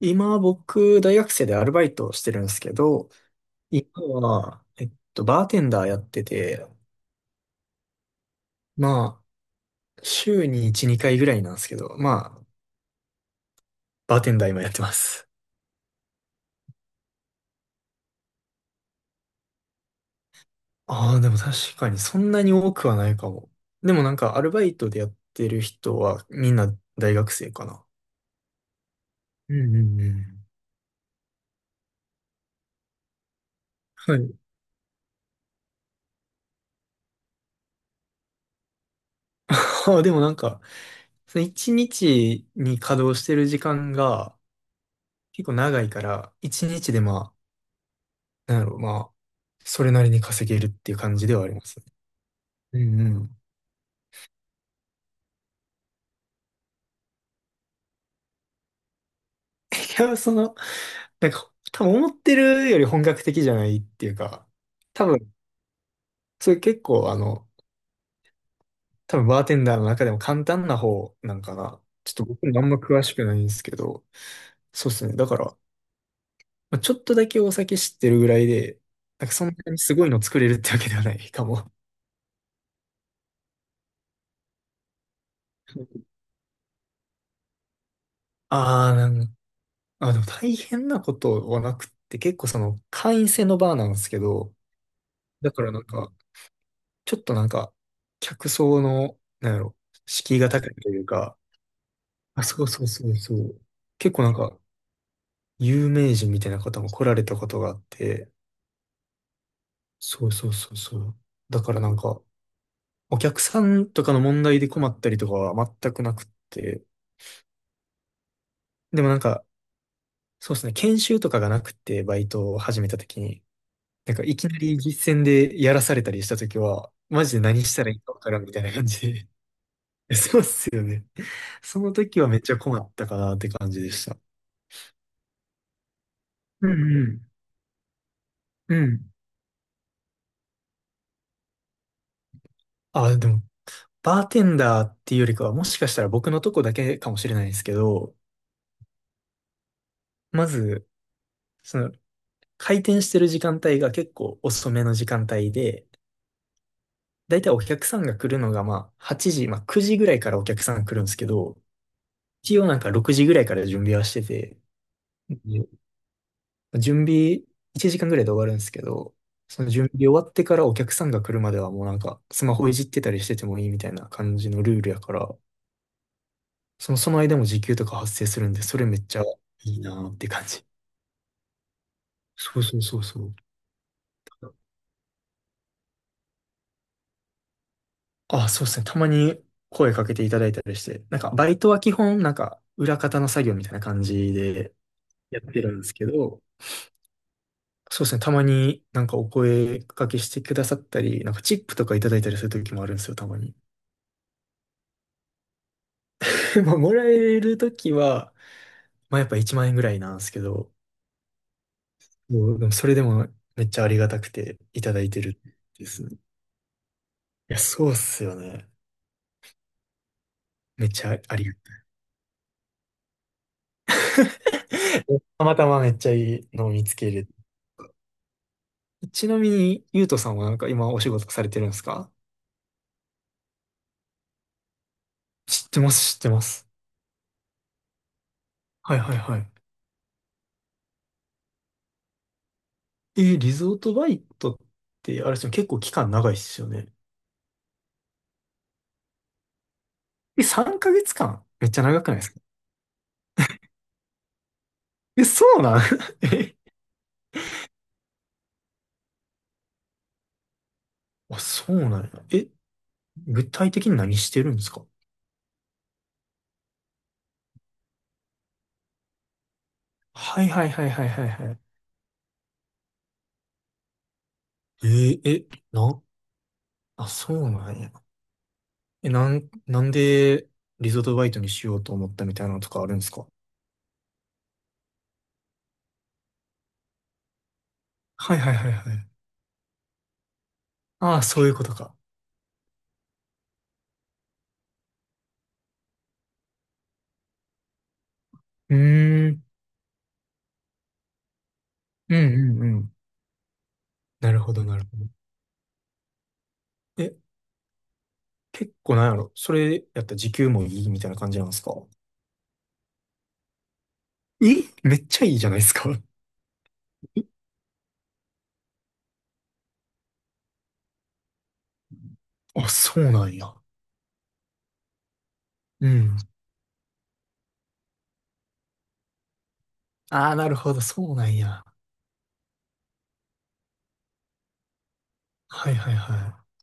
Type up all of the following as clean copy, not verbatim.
今僕、大学生でアルバイトをしてるんですけど、今は、バーテンダーやってて、まあ、週に1、2回ぐらいなんですけど、まあ、バーテンダー今やってます。ああ、でも確かにそんなに多くはないかも。でもなんか、アルバイトでやってる人はみんな大学生かな。うんうんうん。はい。あでもなんか、その1日にちに稼働してる時間が結構長いから、1日でまなんやろ、まあ、それなりに稼げるっていう感じではありますね。うんうん。いや、その、なんか、多分思ってるより本格的じゃないっていうか、多分、それ結構、多分バーテンダーの中でも簡単な方なんかな。ちょっと僕もあんま詳しくないんですけど、そうですね。だから、まあちょっとだけお酒知ってるぐらいで、なんかそんなにすごいの作れるってわけではない かも。ああ、あ、でも大変なことはなくって、結構その会員制のバーなんですけど、だからなんか、ちょっとなんか、客層の、なんやろ、敷居が高いというか、あ、そうそうそうそう。結構なんか、有名人みたいな方も来られたことがあって、そうそうそうそう。だからなんか、お客さんとかの問題で困ったりとかは全くなくって、でもなんか、そうですね、研修とかがなくて、バイトを始めた時に、なんかいきなり実践でやらされたりした時は、マジで何したらいいかわからんみたいな感じで。そうっすよね。その時はめっちゃ困ったかなって感じでした。うんうん。うん。あ、でも、バーテンダーっていうよりかは、もしかしたら僕のとこだけかもしれないですけど、まず、その、開店してる時間帯が結構遅めの時間帯で、だいたいお客さんが来るのが、まあ、8時、まあ、9時ぐらいからお客さんが来るんですけど、一応なんか6時ぐらいから準備はしてて、準備1時間ぐらいで終わるんですけど、その準備終わってからお客さんが来るまではもうなんかスマホいじってたりしててもいいみたいな感じのルールやから、その間も時給とか発生するんで、それめっちゃいいなーって感じ。そうそうそうそう。あ、そうですね。たまに声かけていただいたりして、なんかバイトは基本なんか裏方の作業みたいな感じでやってるんですけど、そうですね。たまになんかお声かけしてくださったり、なんかチップとかいただいたりする時もあるんですよ、たまに。でも、もらえるときは、まあやっぱ1万円ぐらいなんですけど、もう、でもそれでもめっちゃありがたくていただいてるですね。いや、そうっすよね。めっちゃありがたい。たまたまめっちゃいいのを見つけれて。ちなみに、ゆうとさんはなんか今お仕事されてるんですか？知ってます、知ってます。はいはいはい。リゾートバイトって、あれですよね、結構期間長いっすよね。え、3ヶ月間めっちゃ長くないですか？え、そうなん え、あ、そうなんや。え、具体的に何してるんですか？はいはいはいはいはいはい。え、な、あ、そうなんや。え、なんで、リゾートバイトにしようと思ったみたいなのとかあるんですか？はいはいはいはい。ああ、そういうことか。うーん。うんうんうん。なるほどなるほど。え、結構なんやろ。それやったら時給もいいみたいな感じなんですか？え、めっちゃいいじゃないですか。あ、そうなんや。うん。ああ、なるほど、そうなんや。はいはいはい。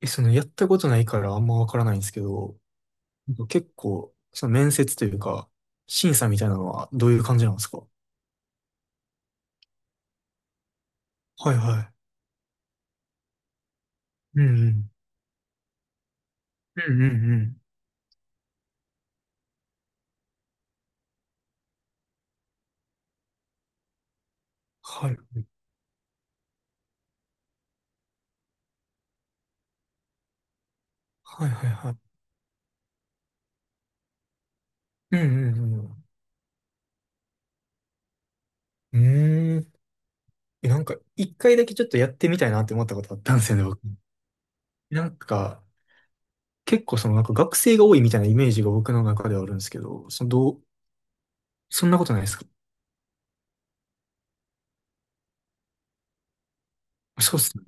え、その、やったことないからあんまわからないんですけど、なんか結構、その面接というか、審査みたいなのはどういう感じなんですか？はいはい。うんうん。うんうんうん。はい。はいはいはい。うんうんうん。うーん。え、なんか、一回だけちょっとやってみたいなって思ったことあったんですよね、僕。なんか、結構その、なんか学生が多いみたいなイメージが僕の中ではあるんですけど、その、そんなことないですか？そうっすね。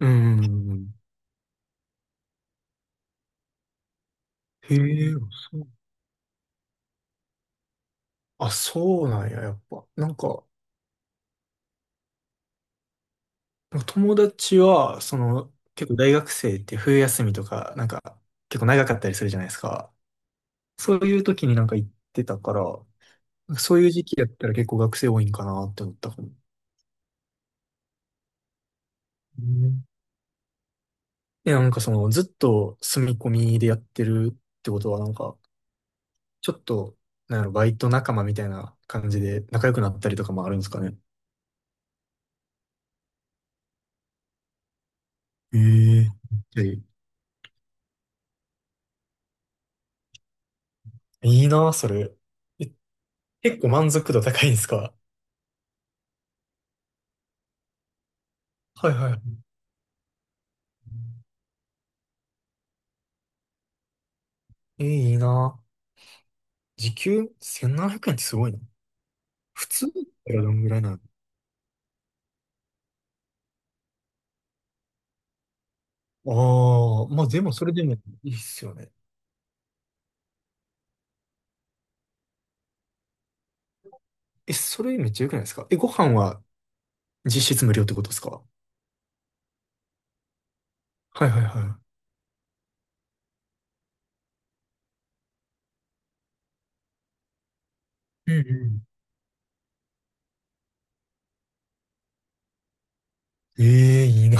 うんうんうんうん。へえ、そう。あ、そうなんや、やっぱ。なんか、友達は、その、結構大学生って冬休みとか、なんか、結構長かったりするじゃないですか。そういう時になんか行ってたから、そういう時期やったら結構学生多いんかなって思ったかも。うん。え、なんかその、ずっと住み込みでやってるってことは、なんか、ちょっと、なんやろ、バイト仲間みたいな感じで仲良くなったりとかもあるんですかね。ええ。で、いいな、それ。え、結構満足度高いんですか？はいはい。え、いいな。時給1700円ってすごいな。普通だったらどんぐらいなの？ああー、まあでもそれでもいいっすよね。え、それめっちゃ良くないですか？え、ご飯は実質無料ってことですか？はいはいはい。うんうん。ええ、いいな。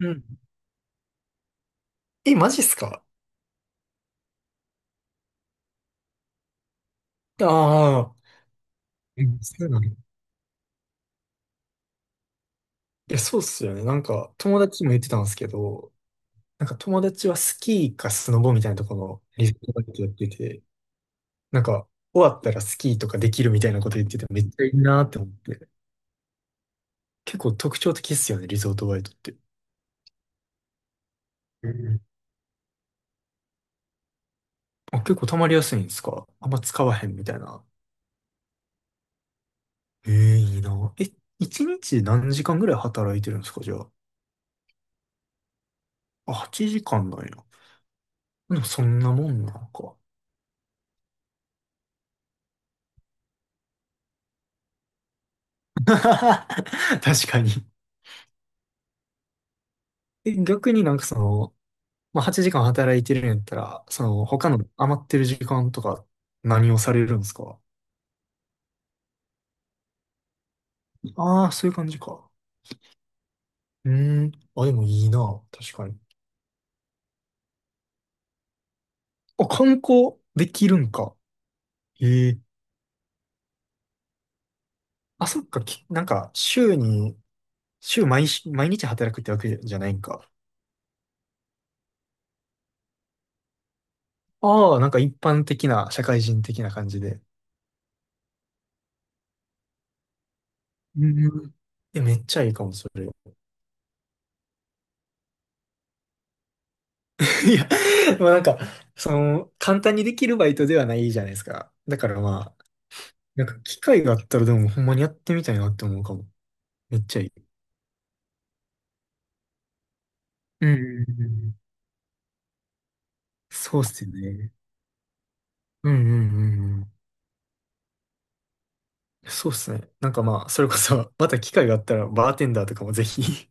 うん。え、マジっすか？ああー、うん、そうなの。いや、そうっすよね。なんか、友達も言ってたんですけど、なんか友達はスキーかスノボみたいなところのリゾートバイトやってて、なんか、終わったらスキーとかできるみたいなこと言ってて、めっちゃいいなって思って。結構特徴的っすよね、リゾートバイトって。うん。あ、結構溜まりやすいんですか？あんま使わへんみたいな。ええ、いいな。え、一日何時間ぐらい働いてるんですか、じゃあ？あ、8時間なんや。でもそんなもんなのか。確かに。え、逆になんかその、まあ、8時間働いてるんやったら、その、他の余ってる時間とか何をされるんですか？ああー、そういう感じか。うーん。あ、でもいいな。確かに。あ、観光できるんか。ええ。あ、そっか、なんか、週に、週毎し、毎日働くってわけじゃないんか。ああ、なんか一般的な、社会人的な感じで。うん。え、めっちゃいいかも、それ。いや、まあなんか、その、簡単にできるバイトではないじゃないですか。だからまあ、なんか機会があったらでもほんまにやってみたいなって思うかも。めっちゃいい。うんうんうんうん。そうっすよね。うんうんうんうん。そうっすね。なんかまあ、それこそ、また機会があったら、バーテンダーとかもぜひ